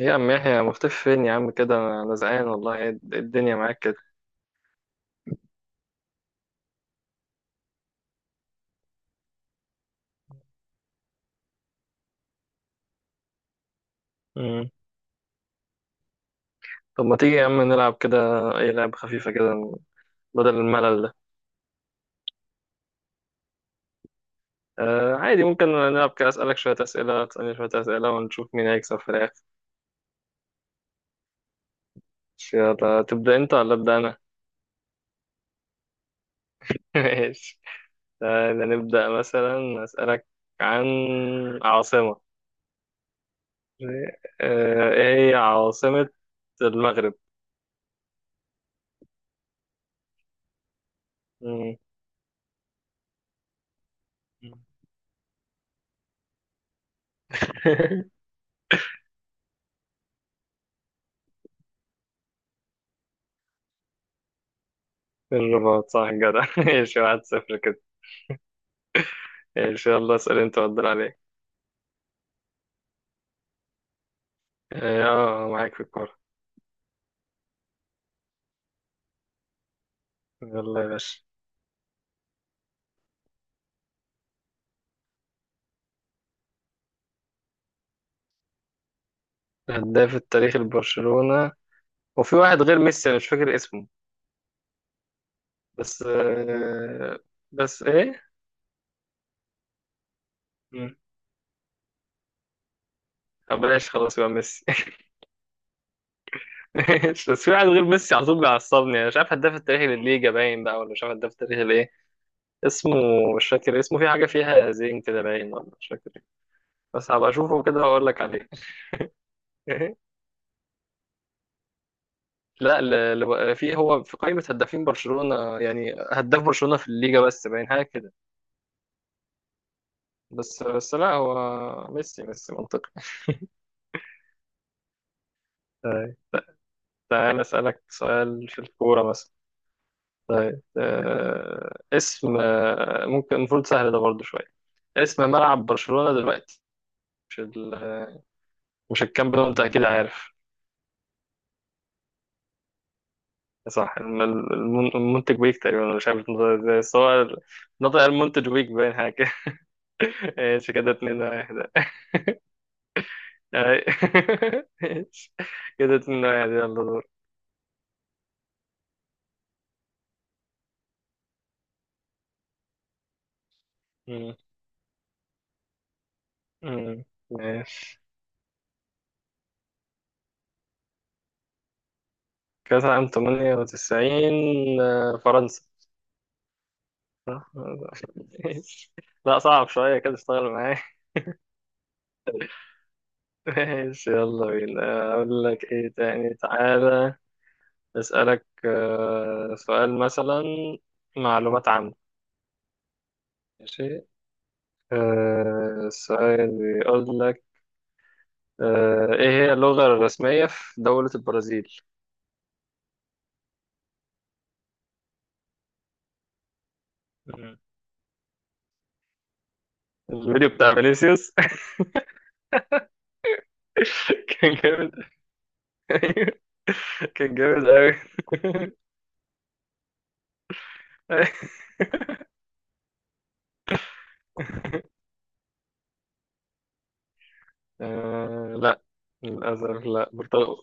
ايه يا عم يحيى مختفي فين يا عم كده، انا زهقان والله. ايه إيه الدنيا معاك كده. مم. طب ما تيجي يا عم نلعب كده، اي لعبة خفيفة كده، بدل الملل ده. آه عادي، ممكن نلعب كده، اسألك شوية اسئلة، تسألني شوية اسئلة، ونشوف مين هيكسب في الاخر. يلا تبدأ انت ولا ابدأ انا؟ ماشي. تعالى نبدأ مثلا، اسألك عن عاصمة. آه، ايه هي عاصمة المغرب؟ مم. الرباط، صح جدع. ماشي، واحد صفر كده. ان شاء الله اسال انت وادر عليك. اه آه، معاك في الكوره. يلا يا باشا. هداف التاريخ لبرشلونه، وفي واحد غير ميسي انا مش فاكر اسمه. بس آه، بس ايه. مم. طب بلاش، خلاص، يبقى ميسي. ماشي، بس في واحد غير ميسي على طول بيعصبني، انا مش عارف هداف التاريخ للليجا باين بقى، ولا مش عارف هداف التاريخ الايه. اسمه مش فاكر اسمه، في حاجه فيها زين كده باين، ولا مش فاكر إيه. بس هبقى اشوفه كده واقول لك عليه. لا، في هو في قائمة هدافين برشلونة، يعني هداف برشلونة في الليجا بس باين، حاجة كده. بس لا، هو ميسي منطقي. طيب، تعال أسألك سؤال في الكورة مثلا. طيب آه اسم آه، ممكن المفروض سهل ده برضه شوية. اسم ملعب برشلونة دلوقتي، مش ال- مش الكامب نو، أنت أكيد عارف. صح، المنتج ويك تقريبا، أنا مش عارف نطق ازاي بس هو نطق المنتج ويك باين حاجة كده. ماشي كده، اتنين واحد. أي- ماشي، كده اتنين واحد، يلا دور. مم. مم. ماشي. كأس عام 98، آه، فرنسا. صح؟ ماشي. لا، صعب شوية كده، اشتغل معايا. ماشي، يلا بينا، أقول لك إيه تاني، تعالى أسألك سؤال مثلا، معلومات عامة. ماشي. آه، السؤال بيقول لك، آه، إيه هي اللغة الرسمية في دولة البرازيل؟ مم. الفيديو بتاع فينيسيوس. كان جامد. أيوة. كان جامد أوي. آه لا، للأسف لا،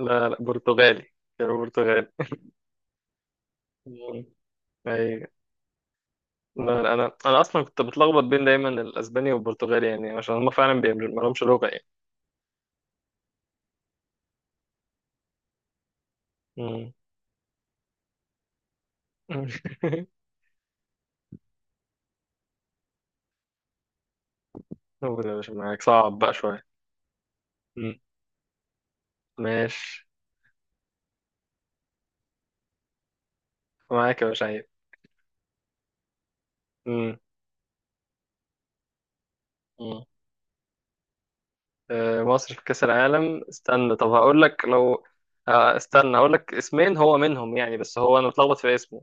لا لا، برتغالي، كانوا برتغالي. مم. أيوة. لا لا، أنا أصلا كنت بتلخبط بين دايما الأسباني والبرتغالي، يعني عشان هما فعلا ما لهمش لغة يعني. مم. قول يا باشا، معاك، صعب بقى شوية. مم. ماشي. معاك يا باشا عيب. مم. آه، مصر في كأس العالم، استنى طب هقول لك لو، آه، استنى هقول لك اسمين هو منهم يعني، بس هو انا متلخبط في اسمه.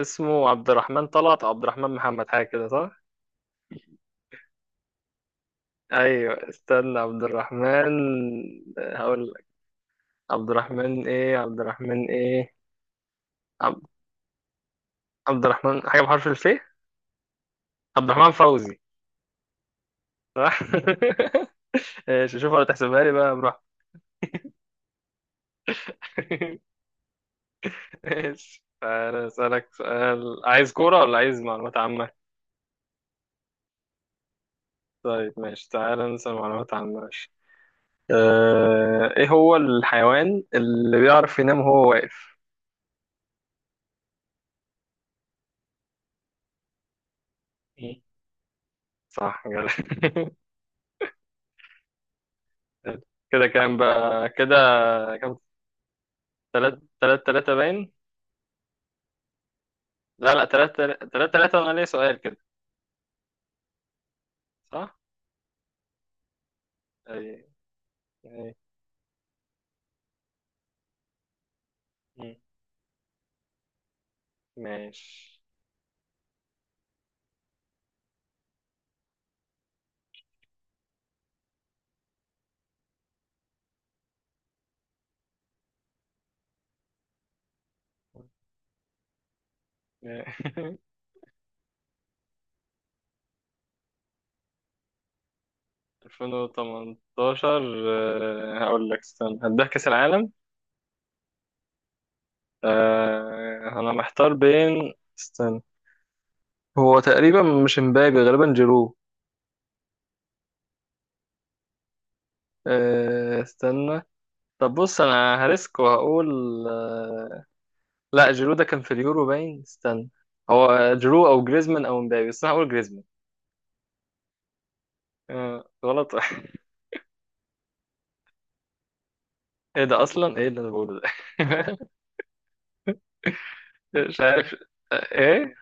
اسمه عبد الرحمن طلعت أو عبد الرحمن محمد، حاجة كده، صح؟ ايوه، استنى، عبد الرحمن، هقول لك. عبد الرحمن ايه، عبد الرحمن ايه؟ عبد, عبد الرحمن حاجة بحرف الف. عبد الرحمن فوزي. صح؟ ماشي، شوف ولا تحسبها لي، بقى براحتك. ماشي، أنا أسألك سؤال، عايز كورة ولا عايز معلومات عامة؟ طيب ماشي، تعالى نسأل معلومات عن، ماشي. آه، ايه هو الحيوان اللي بيعرف ينام وهو واقف؟ مم. صح جدع. كده كام بقى كده؟ كام؟ تلات تلاتة باين. لا لا، تلات تلاتة، وانا ليا سؤال كده، صح. اي. اي. مم. ماشي. 2018. آه، هقول لك، استنى هداك كأس العالم، آه، انا محتار بين، استنى، هو تقريبا مش مبابي، غالبا جيرو. أه استنى، طب بص انا هريسك وهقول، أه لا، جيرو ده كان في اليورو باين، استنى. هو جيرو او جريزمان او مبابي، بس انا هقول جريزمان. أه غلط. ايه ده، اصلا ايه اللي انا بقوله ده؟ مش عارف. آه، ايه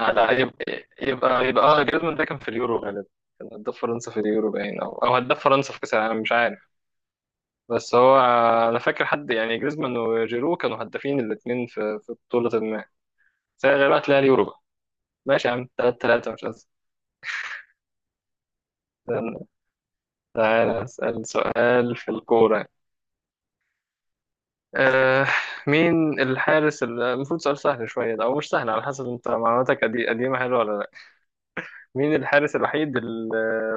آه، لا يبقى، يبقى اه جريزمان ده كان في اليورو غالبا، كان هداف فرنسا في اليورو باين، او او هداف فرنسا في كاس العالم مش عارف. بس هو آه، انا فاكر حد يعني جريزمان وجيرو كانوا هدافين الاثنين في بطولة سيغيرك لها اليورو. ماشي يا عم، 3 3 مش أزمة. استنى، تعالى أسأل سؤال في الكورة يعني. آه، مين الحارس المفروض سؤال سهل شوية ده، أو مش سهل على حسب أنت، معلوماتك قديمة حلوة ولا لأ؟ مين الحارس الوحيد اللي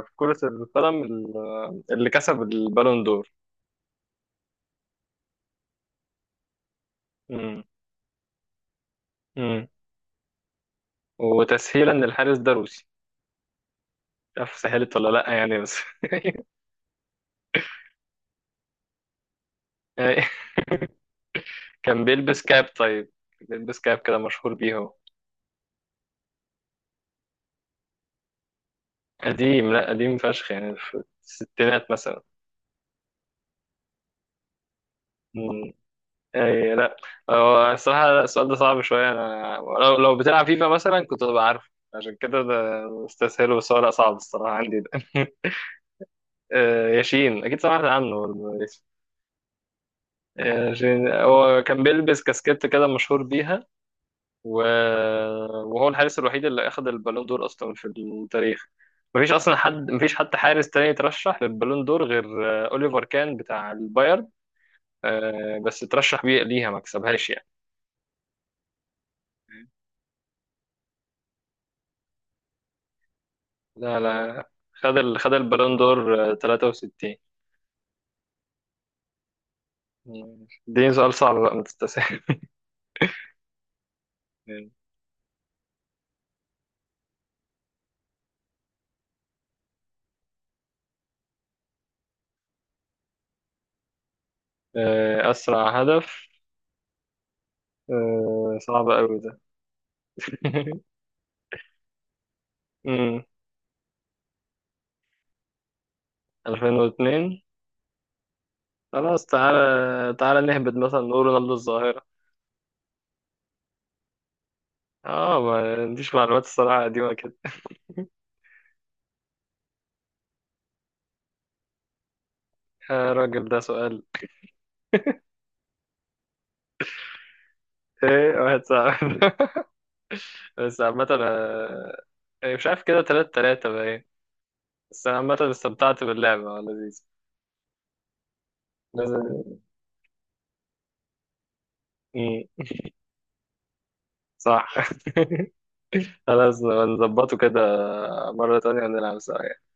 في كرة القدم اللي كسب البالون دور؟ مم. مم. وتسهيلا، الحارس ده روسي، مش عارف سهلت ولا لأ يعني بس. كان بيلبس كاب، طيب، بيلبس كاب كده مشهور بيه. قديم، لا قديم فشخ يعني، في الستينات مثلا. مم. أي لا. هو الصراحة لا، السؤال ده صعب شوية، أنا لو بتلعب فيفا مثلا كنت ببقى عارف، عشان كده ده مستسهل، بس هو لا صعب الصراحة عندي ده. آه، ياشين، أكيد سمعت عنه برضه، ياسين. آه، ياشين، هو كان بيلبس كاسكيت كده مشهور بيها. و... وهو الحارس الوحيد اللي أخد البالون دور أصلا في التاريخ، مفيش أصلا حد، مفيش حتى حارس تاني ترشح للبالون دور غير آه، أوليفر كان بتاع البايرن. آه، بس ترشح بيه ليها ما كسبهاش يعني. لا لا، خد البالون دور آه، 63. دي سؤال صعب بقى، ما تستسهل. مم. آه، أسرع هدف، آه، صعب أوي ده. مم. 2002. خلاص، تعالى تعالى نهبط، مثلا نقول رونالدو الظاهرة. اه ما عنديش معلومات الصراحة، قديمة كده. يا راجل ده سؤال. ايه واحد صعب. بس عامة، آه، مش عارف كده، تلات تلاتة بقى. بس أنا عامة استمتعت باللعبة، لذيذ. لازم. مم. صح. خلاص نظبطه كده، مرة تانية نلعب سوا.